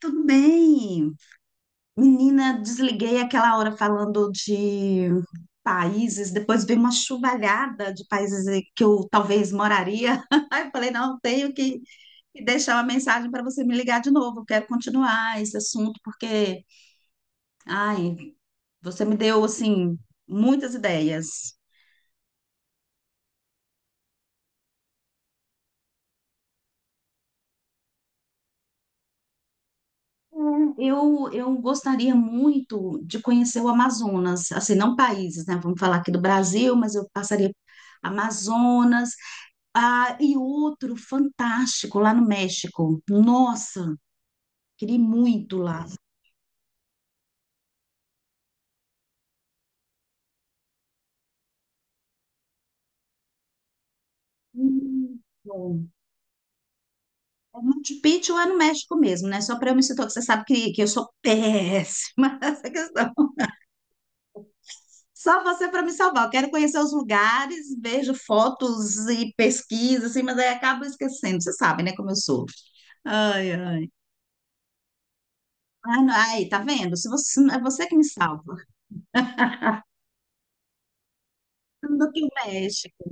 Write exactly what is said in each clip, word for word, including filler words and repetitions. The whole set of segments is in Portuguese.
Tudo bem. Menina, desliguei aquela hora falando de países, depois veio uma chuvalhada de países que eu talvez moraria. Aí eu falei, não, tenho que que deixar uma mensagem para você me ligar de novo. Eu quero continuar esse assunto porque, ai, você me deu assim muitas ideias. Eu, eu gostaria muito de conhecer o Amazonas, assim, não países, né? Vamos falar aqui do Brasil, mas eu passaria Amazonas. Ah, e outro fantástico lá no México. Nossa, queria ir muito lá. Muito bom. É Machu Picchu lá no México mesmo, né? Só para eu me situar, que você sabe que, que eu sou péssima nessa questão. Só você para me salvar. Eu quero conhecer os lugares, vejo fotos e pesquisa, assim, mas aí acabo esquecendo. Você sabe, né, como eu sou. Ai, ai. Ah, não, aí, tá vendo? Se você, é você que me salva. Do que o México.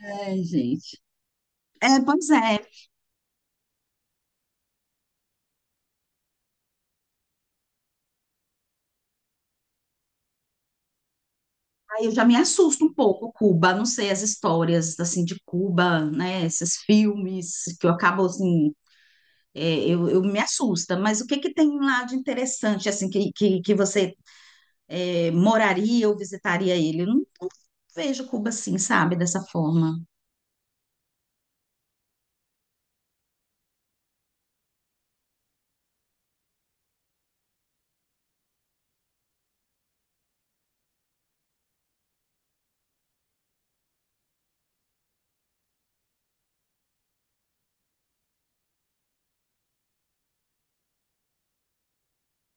Ai, gente. É, pois é. Aí eu já me assusto um pouco, Cuba, não sei, as histórias, assim, de Cuba, né, esses filmes que eu acabo, assim, é, eu, eu me assusta, mas o que que tem lá de interessante, assim, que, que, que você é, moraria ou visitaria ele? Eu não, não vejo Cuba assim, sabe, dessa forma.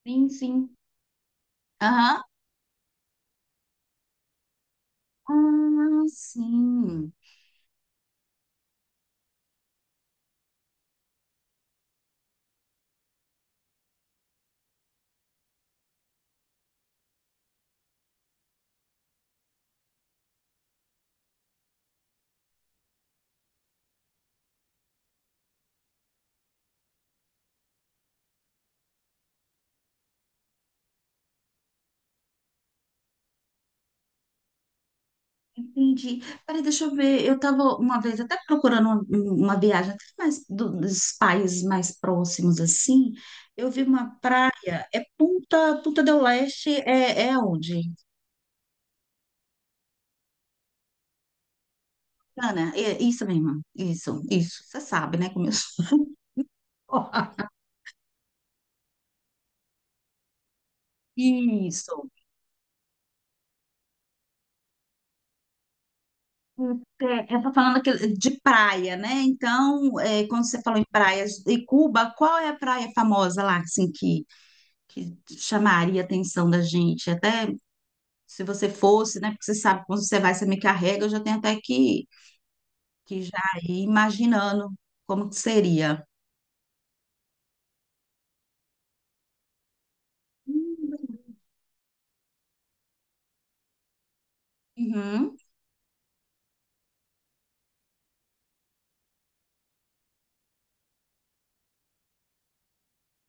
Sim, sim. Aham. Ah, sim. Entendi. Peraí, deixa eu ver. Eu estava uma vez até procurando uma, uma viagem até mais do- dos países mais próximos assim. Eu vi uma praia. É Punta, Punta del Leste é, é onde? Ana, é isso mesmo. Isso, isso. Você sabe, né? Como eu sou. Isso. É, eu tô falando aquele- de praia, né? Então, é, quando você falou em praias de Cuba, qual é a praia famosa lá, assim, que, que chamaria a atenção da gente? Até se você fosse, né? Porque você sabe que quando você vai, você me carrega, eu já tenho até que, que já ir imaginando como que seria. Uhum.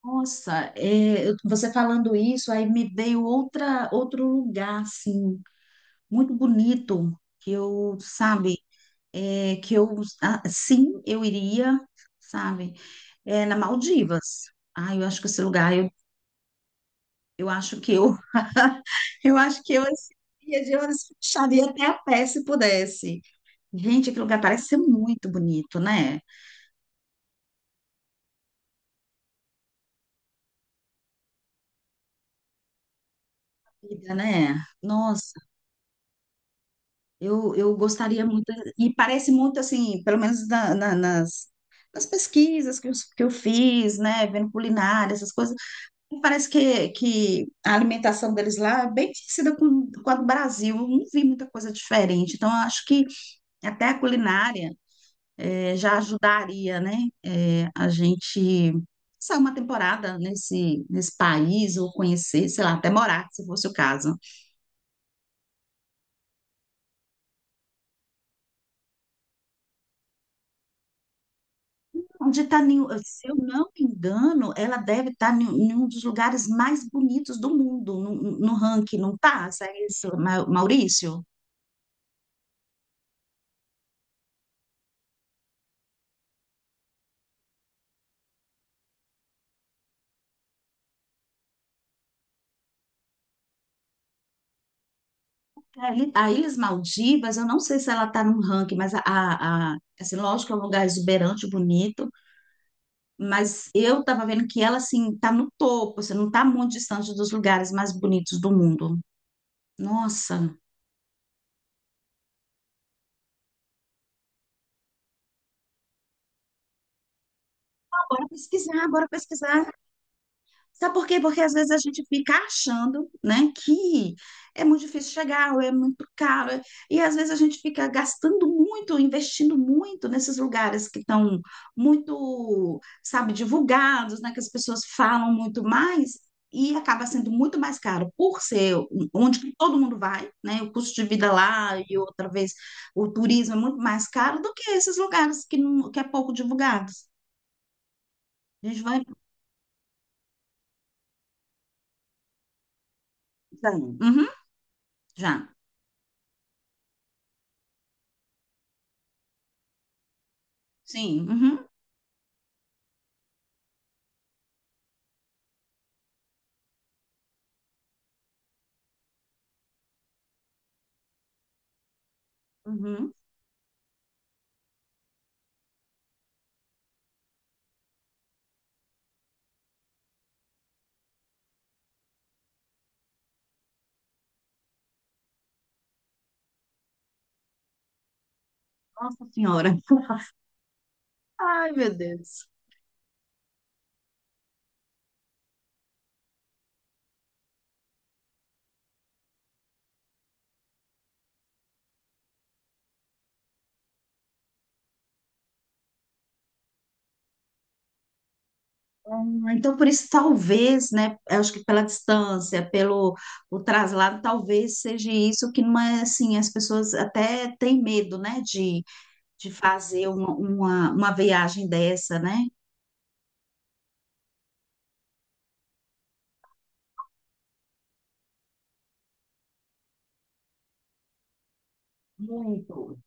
Nossa, é, eu- você falando isso, aí me veio outra, outro lugar, assim, muito bonito, que eu, sabe, é, que eu, ah, sim, eu iria, sabe, é, na Maldivas. Ah, eu acho que esse lugar, eu, eu acho que eu, eu acho que eu, esse dia de horas, fecharia até a pé se pudesse. Gente, aquele lugar parece ser muito bonito, né? Vida, né? Nossa, eu, eu gostaria muito. E parece muito assim, pelo menos na- na- nas, nas pesquisas que eu, que eu fiz, né? Vendo culinária, essas coisas. E parece que, que a alimentação deles lá é bem parecida com, com a do Brasil. Eu não vi muita coisa diferente. Então, eu acho que até a culinária, eh, já ajudaria, né, eh, a gente passar uma temporada nesse, nesse país ou conhecer, sei lá, até morar, se fosse o caso. Onde está, se eu não me engano, ela deve estar em um em um dos lugares mais bonitos do mundo, no, no ranking, não tá? Segue isso, Ma- Maurício? A Il- a Ilhas Maldivas, eu não sei se ela está no ranking, mas a, a, a- assim, lógico que é um lugar exuberante, bonito, mas eu estava vendo que ela assim está no topo, você não está muito distante dos lugares mais bonitos do mundo. Nossa, bora pesquisar, bora pesquisar. Sabe por quê? Porque às vezes a gente fica achando, né, que é muito difícil chegar, ou é muito caro, é- e às vezes a gente fica gastando muito, investindo muito nesses lugares que estão muito, sabe, divulgados, né, que as pessoas falam muito mais, e acaba sendo muito mais caro por ser um, onde que todo mundo vai, né, o custo de vida lá e outra vez o turismo é muito mais caro do que esses lugares que, não, que é pouco divulgados. A gente vai. Uhum, já. Sim. Uhum. Uhum. Nossa Senhora. Ai, meu Deus. Hum, Então, por isso, talvez, né? Eu acho que pela distância, pelo o traslado, talvez seja isso que não é assim. As pessoas até têm medo, né? De, de fazer uma, uma, uma viagem dessa, né? Muito.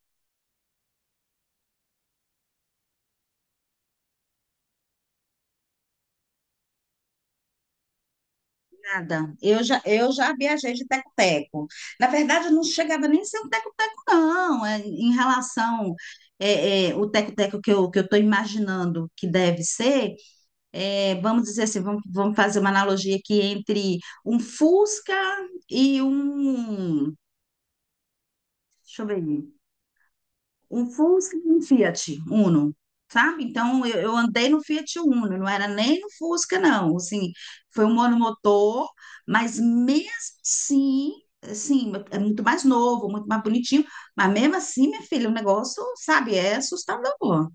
Nada. Eu já, eu já viajei de teco-teco. Na verdade, eu não chegava nem a ser um teco-teco, não. É, em relação é, é, o teco-teco que eu, que eu estou imaginando que deve ser. É, vamos dizer assim, vamos, vamos fazer uma analogia aqui entre um Fusca e um, deixa eu ver, um Fusca e um Fiat Uno, sabe? Então, eu, eu andei no Fiat Uno, não era nem no Fusca, não, assim, foi um monomotor, mas mesmo assim, assim, é muito mais novo, muito mais bonitinho, mas mesmo assim, minha filha, o negócio, sabe, é assustador.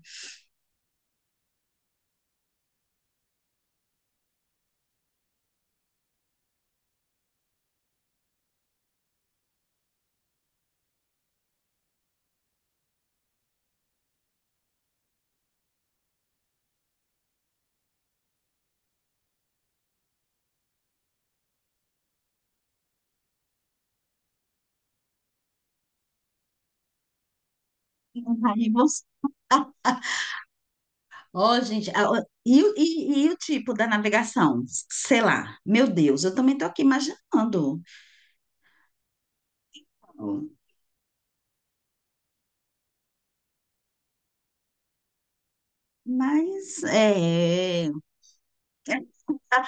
Aí você ó, gente, a- ó, e, o- e, e o tipo da navegação? Sei lá, meu Deus, eu também estou aqui imaginando. Mas é, é, tá.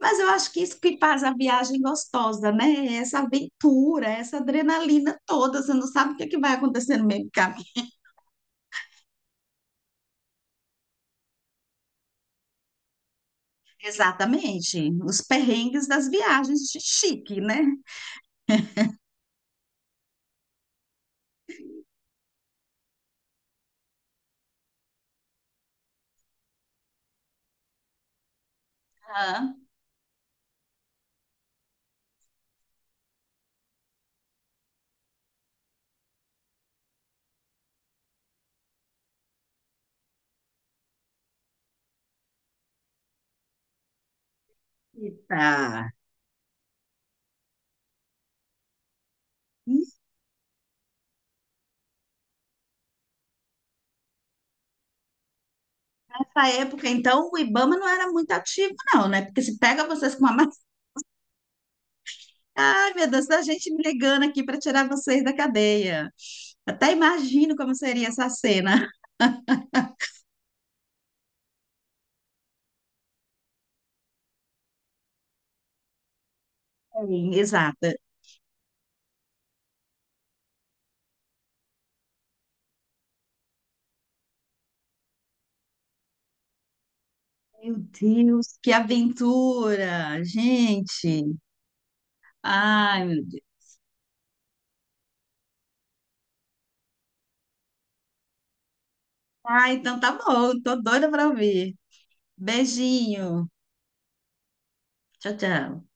Mas eu acho que isso que faz a viagem gostosa, né? É essa aventura, é essa adrenalina toda, você não sabe o que é que vai acontecer no meio do caminho. Exatamente, os perrengues das viagens de chique, né? Ah, eita. Nessa época, então, o Ibama não era muito ativo, não, né? Porque se pega vocês com uma. Ai, meu Deus, a gente me ligando aqui para tirar vocês da cadeia. Até imagino como seria essa cena. Sim, exata. Meu Deus, que aventura, gente. Ai, meu Deus. Ah, então tá bom, tô doida para ouvir. Beijinho. Tchau, tchau.